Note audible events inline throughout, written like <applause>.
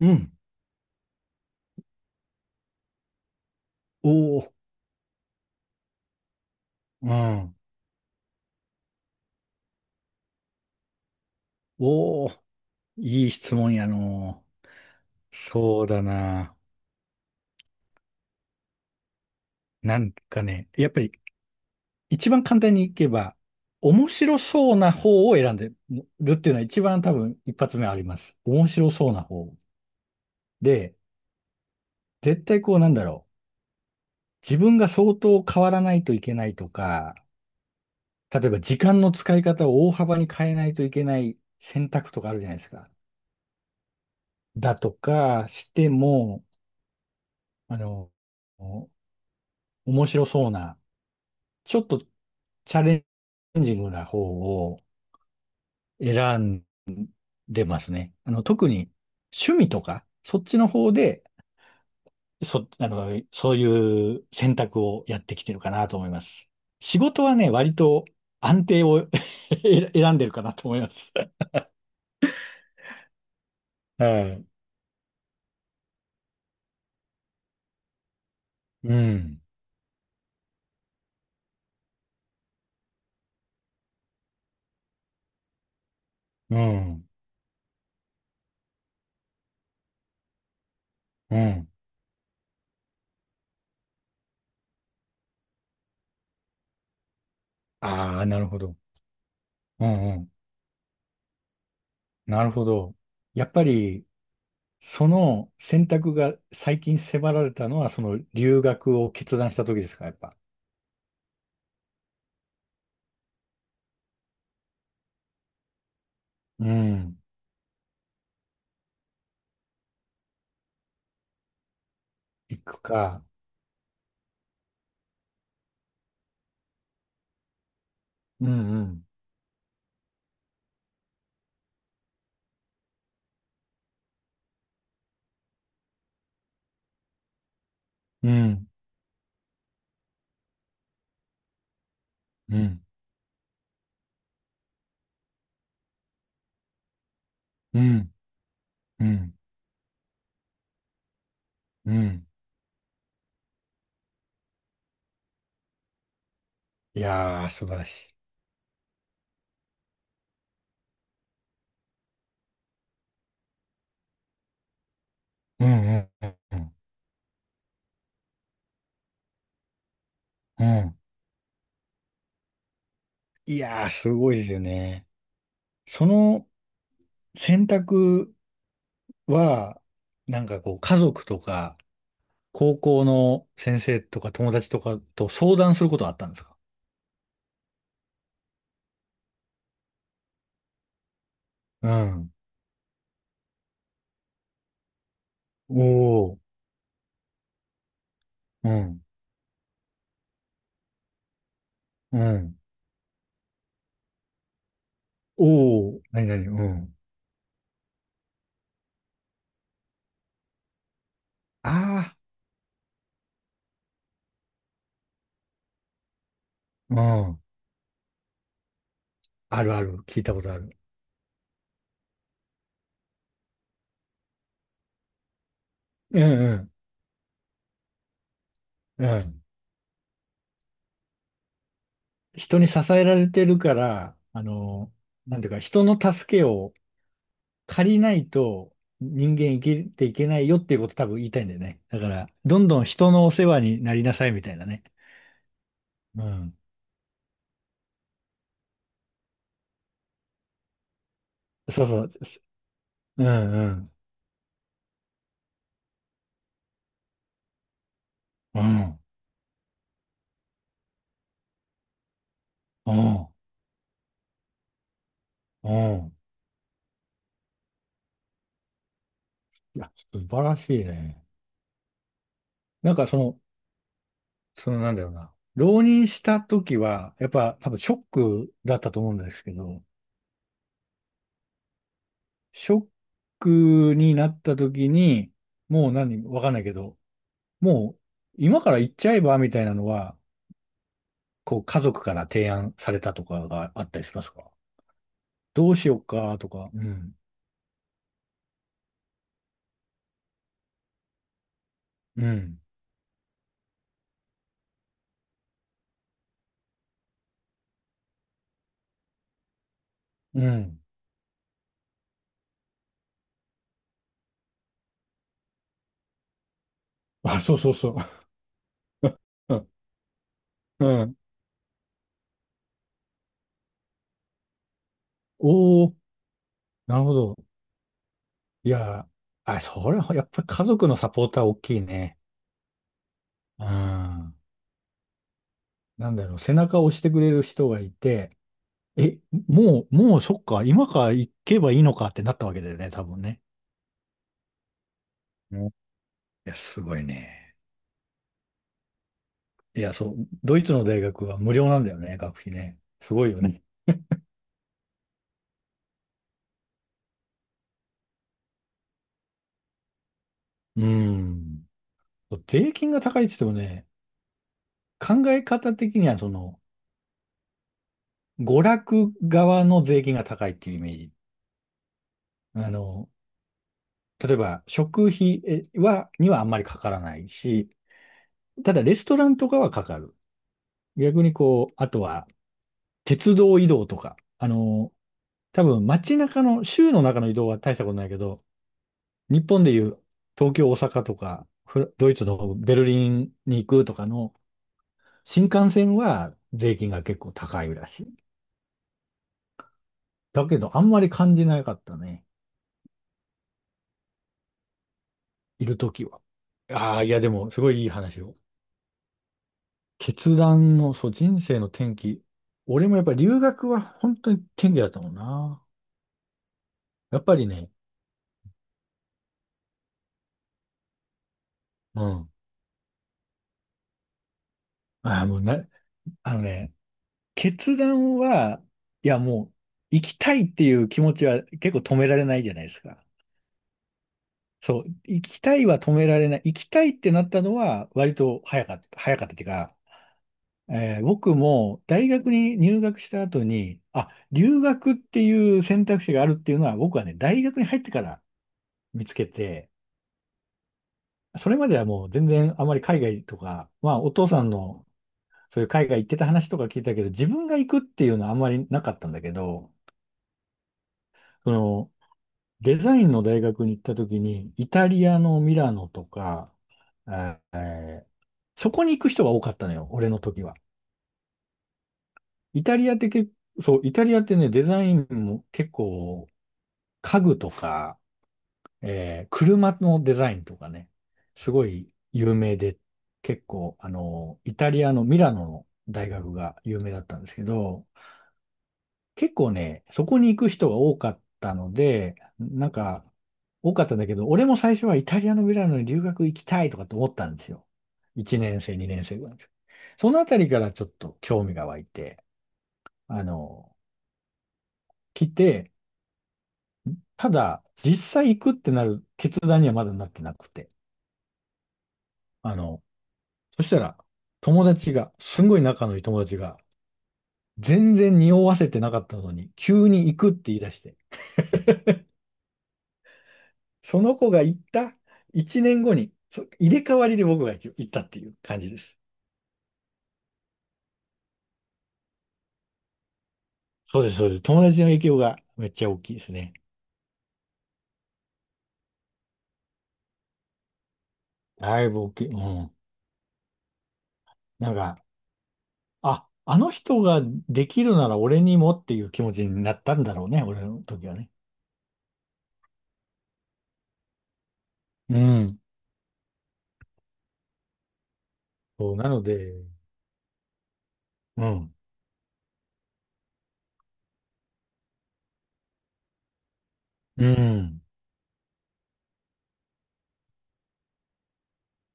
うん。おお、うん。おお、いい質問やのう。そうだな。なんかね、やっぱり一番簡単にいけば、面白そうな方を選んでるっていうのは一番多分一発目あります。面白そうな方。で、絶対こうなんだろう。自分が相当変わらないといけないとか、例えば時間の使い方を大幅に変えないといけない選択とかあるじゃないですか。だとかしても、あの、面白そうな、ちょっとチャレンジングな方を選んでますね。あの、特に趣味とか、そっちの方で、そ、あの、そういう選択をやってきてるかなと思います。仕事はね、割と安定を <laughs> 選んでるかなと思います。はい。うん。うん。うん。ああ、なるほど。うんうん。なるほど。やっぱり、その選択が最近迫られたのは、その留学を決断した時ですか、やっぱ。うん。行くか。うんうん。うん。うん。うん。うん。うん。いやー、素晴らしい。うんうんうんうんうん。いやー、すごいですよね。その選択は、なんかこう、家族とか、高校の先生とか友達とかと相談することはあったんですか？うん。おー。うん。うん。おお、何々、うん。ああ、うん。あるある。聞いたことある。うんうん。うん。人に支えられてるから、あの、なんていうか、人の助けを借りないと人間生きていけないよっていうこと多分言いたいんだよね。だから、どんどん人のお世話になりなさいみたいなね。うん。そうそう。うんうん。うん。うん。うん。いや、素晴らしいね。なんかその、そのなんだろうな。浪人した時は、やっぱ多分ショックだったと思うんですけど、ショックになった時に、もう何、わかんないけど、もう今から行っちゃえばみたいなのは、こう家族から提案されたとかがあったりしますか？どうしようかとか、うん、うん、うん。あ、そうそうそう。<laughs> うん。おー、なるほど。いや、あ、それはやっぱり家族のサポーター大きいね。うん。なんだろう、背中を押してくれる人がいて、え、もうそっか、今から行けばいいのかってなったわけだよね、多分ね。うん。いや、すごいね。いや、そう、ドイツの大学は無料なんだよね、学費ね。すごいよね。うん。税金が高いって言ってもね、考え方的には、その、娯楽側の税金が高いっていうイメージ。あの、例えば、食費えは、にはあんまりかからないし、ただ、レストランとかはかかる。逆にこう、あとは、鉄道移動とか、あの、多分街中の、州の中の移動は大したことないけど、日本でいう東京、大阪とか、フラドイツのベルリンに行くとかの新幹線は税金が結構高いらしい。だけど、あんまり感じなかったね。いるときは。ああ、いや、でも、すごいいい話を。決断の、そう、人生の転機。俺もやっぱり留学は本当に転機だったもんな。やっぱりね、うん。ああ、もうな、あのね、決断は、いやもう、行きたいっていう気持ちは結構止められないじゃないですか。そう、行きたいは止められない。行きたいってなったのは割と早かった、早かったっていうか、僕も大学に入学した後に、あ、留学っていう選択肢があるっていうのは僕はね、大学に入ってから見つけて、それまではもう全然あまり海外とか、まあお父さんのそういう海外行ってた話とか聞いたけど、自分が行くっていうのはあんまりなかったんだけど、そのデザインの大学に行った時に、イタリアのミラノとか、えーえーそこに行く人が多かったのよ、俺の時は。イタリアって結構、そう、イタリアってね、デザインも結構、家具とか、車のデザインとかね、すごい有名で、結構、あの、イタリアのミラノの大学が有名だったんですけど、結構ね、そこに行く人が多かったので、なんか、多かったんだけど、俺も最初はイタリアのミラノに留学行きたいとかって思ったんですよ。1年生、2年生ぐらいの時。そのあたりからちょっと興味が湧いて、あの、来て、ただ、実際行くってなる決断にはまだなってなくて。あの、そしたら、友達が、すんごい仲のいい友達が、全然匂わせてなかったのに、急に行くって言い出して、その子が行った1年後に、そ入れ替わりで僕が行ったっていう感じです。そうです、そうです。友達の影響がめっちゃ大きいですね。だいぶ大きい。うん。なんか、あの人ができるなら俺にもっていう気持ちになったんだろうね、俺の時はね。うん。そう、なので、うん。うん。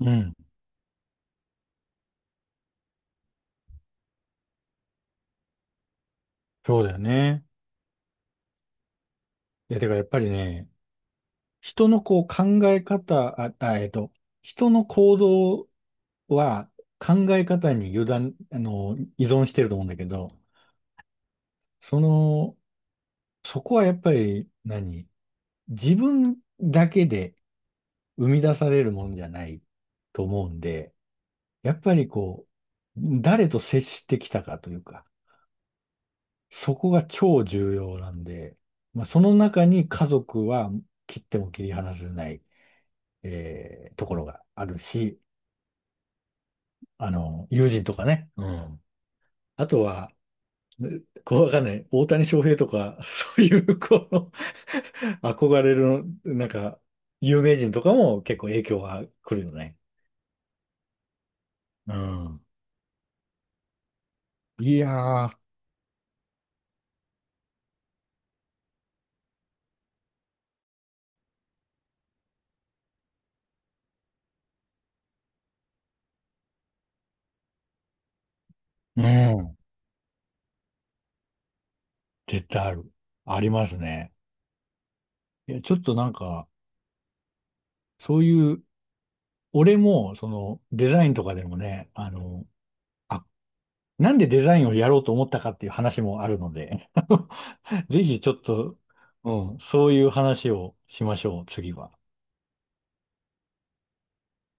うん。そうだよね。いや、てかやっぱりね、人のこう考え方、あ、あ、えっと、人の行動は考え方に油断、あの、依存してると思うんだけど、その、そこはやっぱり何、自分だけで生み出されるものじゃないと思うんで、やっぱりこう、誰と接してきたかというか、そこが超重要なんで、まあ、その中に家族は切っても切り離せない、ところがあるし、あの、友人とかね、うん。あとは、こうわかんない。大谷翔平とか、<laughs> そういう、この <laughs> 憧れる、なんか、有名人とかも結構影響が来るよね。うん。いやー、うん。絶対ある。ありますね。いや、ちょっとなんか、そういう、俺も、その、デザインとかでもね、あの、あ、なんでデザインをやろうと思ったかっていう話もあるので <laughs> ぜひちょっと、うん、そういう話をしましょう、次は。